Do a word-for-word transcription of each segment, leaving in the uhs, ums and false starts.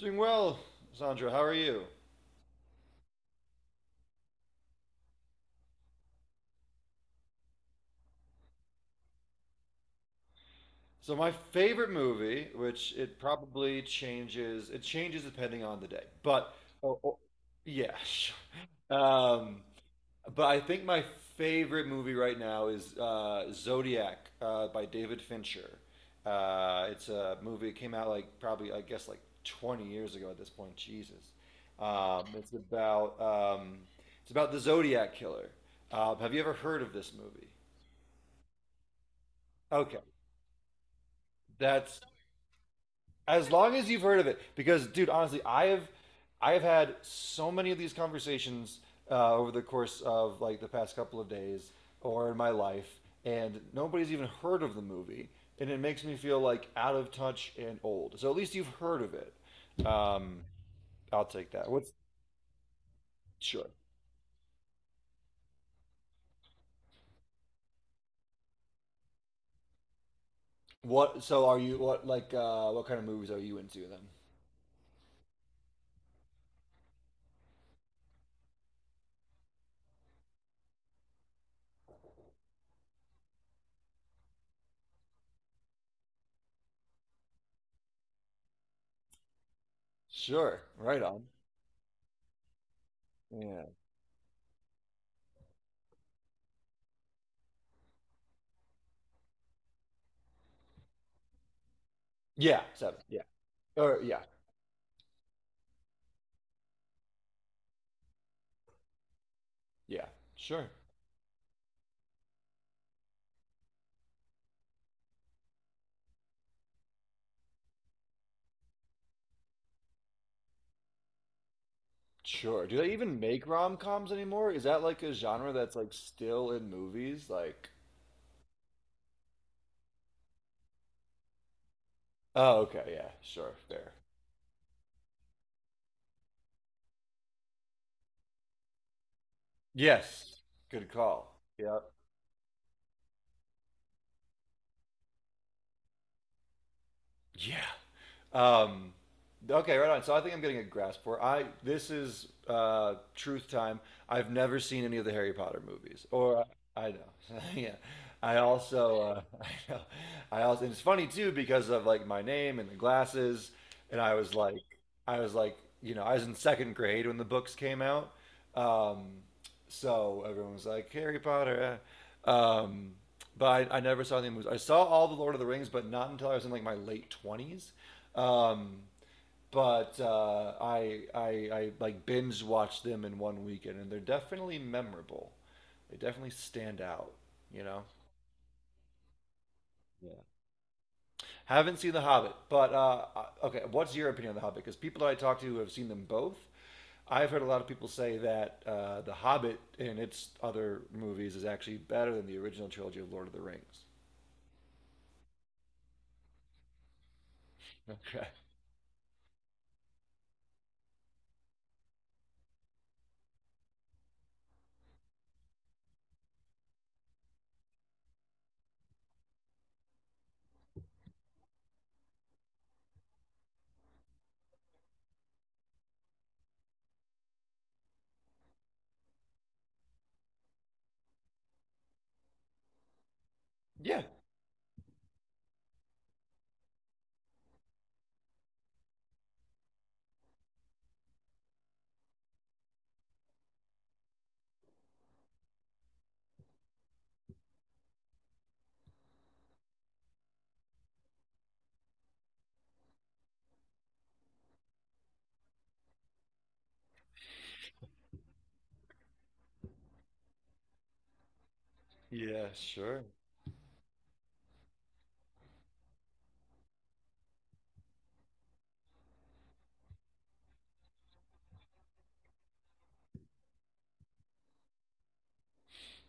Doing well, Sandra. How are you? So my favorite movie, which it probably changes, it changes depending on the day. But oh, oh, yeah, sure. Um, but I think my favorite movie right now is uh, Zodiac uh, by David Fincher. Uh, it's a movie. It came out like probably, I guess, like twenty years ago at this point. Jesus. Um, it's about um, it's about the Zodiac killer. Uh, have you ever heard of this movie? Okay, that's as long as you've heard of it, because dude, honestly, I have, I have had so many of these conversations uh, over the course of like the past couple of days or in my life, and nobody's even heard of the movie, and it makes me feel like out of touch and old. So at least you've heard of it. Um, I'll take that. What's sure? What? So are you what like uh, what kind of movies are you into then? Sure, right on. Yeah. Yeah, seven. Yeah. Or yeah, yeah. Sure. Sure. Do they even make rom-coms anymore? Is that like a genre that's like still in movies? Like, oh, okay, yeah, sure, fair. Yes. Good call. Yep. Yeah. Um, okay, right on. So I think I'm getting a grasp for it. I This is uh, truth time. I've never seen any of the Harry Potter movies, or I know. Yeah, I also uh, I know. I also. And it's funny too because of like my name and the glasses, and I was like, I was like, you know, I was in second grade when the books came out. Um, so everyone was like Harry Potter. Eh. Um, but I, I never saw any movies. I saw all the Lord of the Rings, but not until I was in like my late twenties. Um, but uh, I, I I like binge watched them in one weekend, and they're definitely memorable. They definitely stand out. You know. Yeah. Haven't seen The Hobbit, but uh, okay. What's your opinion on The Hobbit? Because people that I talk to have seen them both, I've heard a lot of people say that uh, The Hobbit and its other movies is actually better than the original trilogy of Lord of the Rings. Okay. Yeah. Yeah, sure.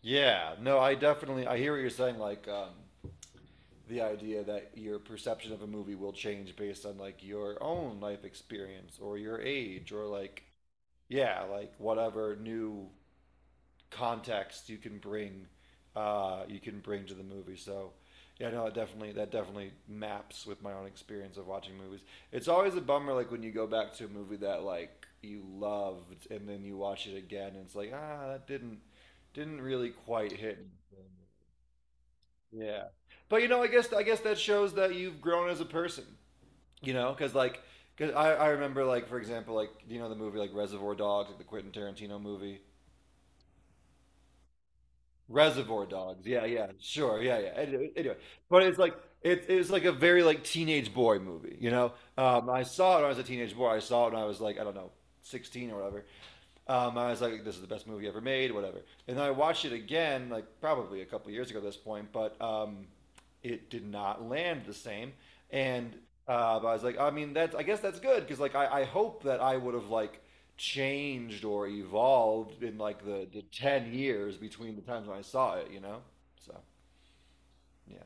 Yeah. No, I definitely I hear what you're saying like um the idea that your perception of a movie will change based on like your own life experience or your age or like yeah, like whatever new context you can bring uh, you can bring to the movie. So yeah, no, it definitely that definitely maps with my own experience of watching movies. It's always a bummer like when you go back to a movie that like you loved and then you watch it again and it's like ah that didn't didn't really quite hit me." Yeah. But you know, I guess I guess that shows that you've grown as a person. You know, because like, cause I I remember like for example like you know the movie like Reservoir Dogs, like the Quentin Tarantino movie. Reservoir Dogs. Yeah, yeah, sure. Yeah, yeah. Anyway, anyway. but it's like it, it was like a very like teenage boy movie, you know? Um, I saw it when I was a teenage boy. I saw it when I was like, I don't know, sixteen or whatever. Um, I was like, this is the best movie ever made, whatever. And then I watched it again, like probably a couple years ago at this point, but um, it did not land the same. And uh, but I was like, I mean, that's I guess that's good because like I, I hope that I would have like changed or evolved in like the, the ten years between the times when I saw it, you know? So, yeah.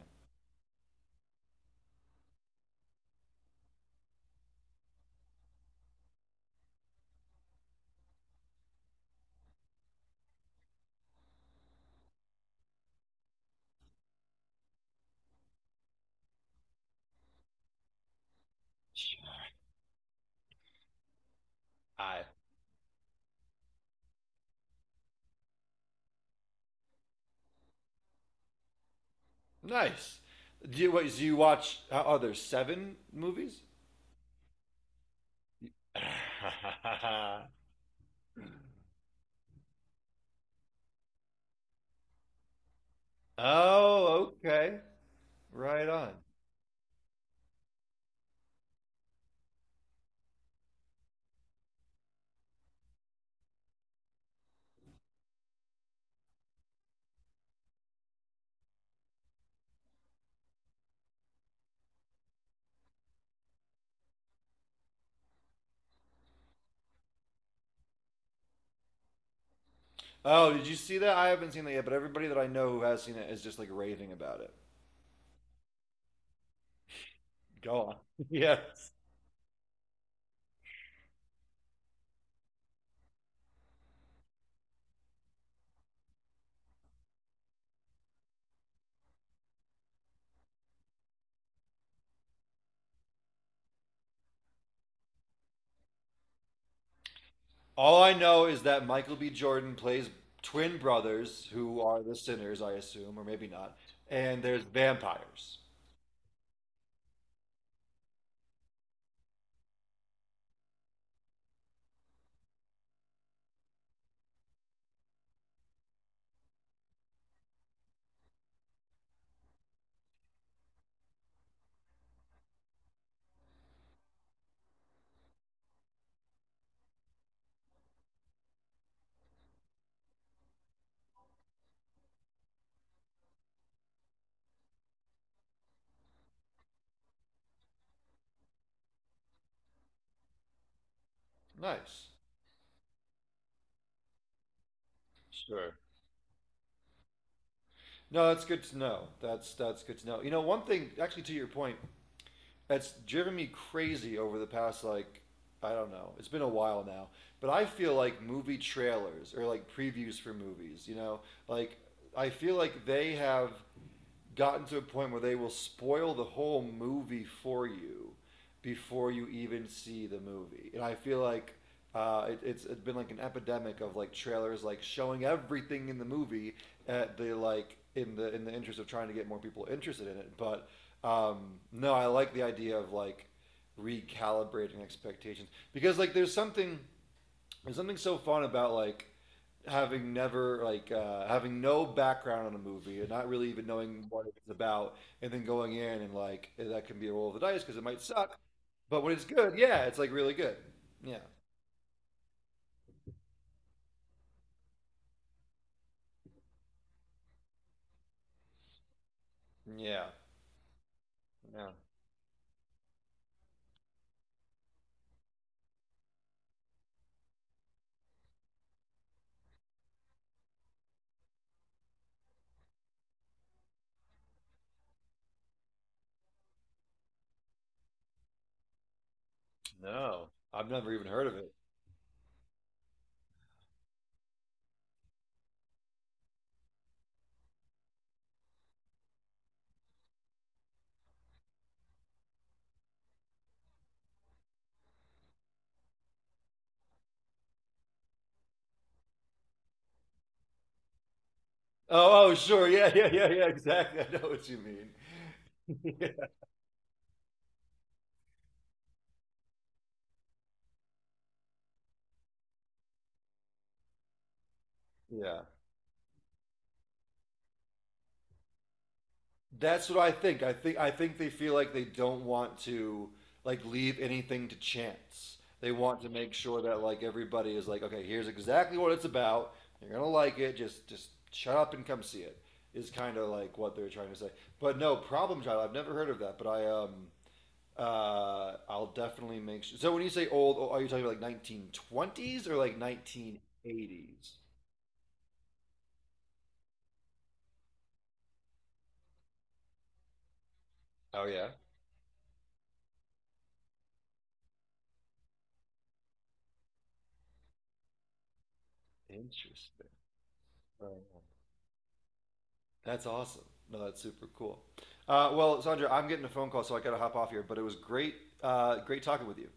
I Nice. Do you, wait, so you watch uh, are there seven movies? Oh, okay. Right on. Oh, did you see that? I haven't seen that yet, but everybody that I know who has seen it is just like raving about it. Go on. Yeah. All I know is that Michael B. Jordan plays twin brothers who are the sinners, I assume, or maybe not. And there's vampires. Nice. Sure. No, that's good to know. That's that's good to know. You know, one thing actually to your point, that's driven me crazy over the past like I don't know. It's been a while now, but I feel like movie trailers or like previews for movies, you know, like I feel like they have gotten to a point where they will spoil the whole movie for you before you even see the movie. And I feel like uh, it, it's, it's been like an epidemic of like trailers like showing everything in the movie at the like in the in the interest of trying to get more people interested in it. But um, no, I like the idea of like recalibrating expectations because like there's something there's something so fun about like having never like uh, having no background on a movie and not really even knowing what it's about, and then going in and like eh, that can be a roll of the dice because it might suck, but when it's good, yeah, it's like really good. Yeah, yeah, yeah. No, I've never even heard of it. Oh, oh, sure, yeah, yeah, yeah, yeah, exactly. I know what you mean. Yeah. Yeah. That's what I think. I think I think they feel like they don't want to like leave anything to chance. They want to make sure that like everybody is like, okay, here's exactly what it's about. You're gonna like it. Just just shut up and come see it. Is kind of like what they're trying to say. But no, Problem Child. I've never heard of that, but I um uh I'll definitely make sure. So when you say old, oh, are you talking about like nineteen twenties or like nineteen eighties? Oh yeah, interesting. Right. That's awesome. No, that's super cool. Uh, well, Sandra, I'm getting a phone call, so I got to hop off here. But it was great, uh, great talking with you.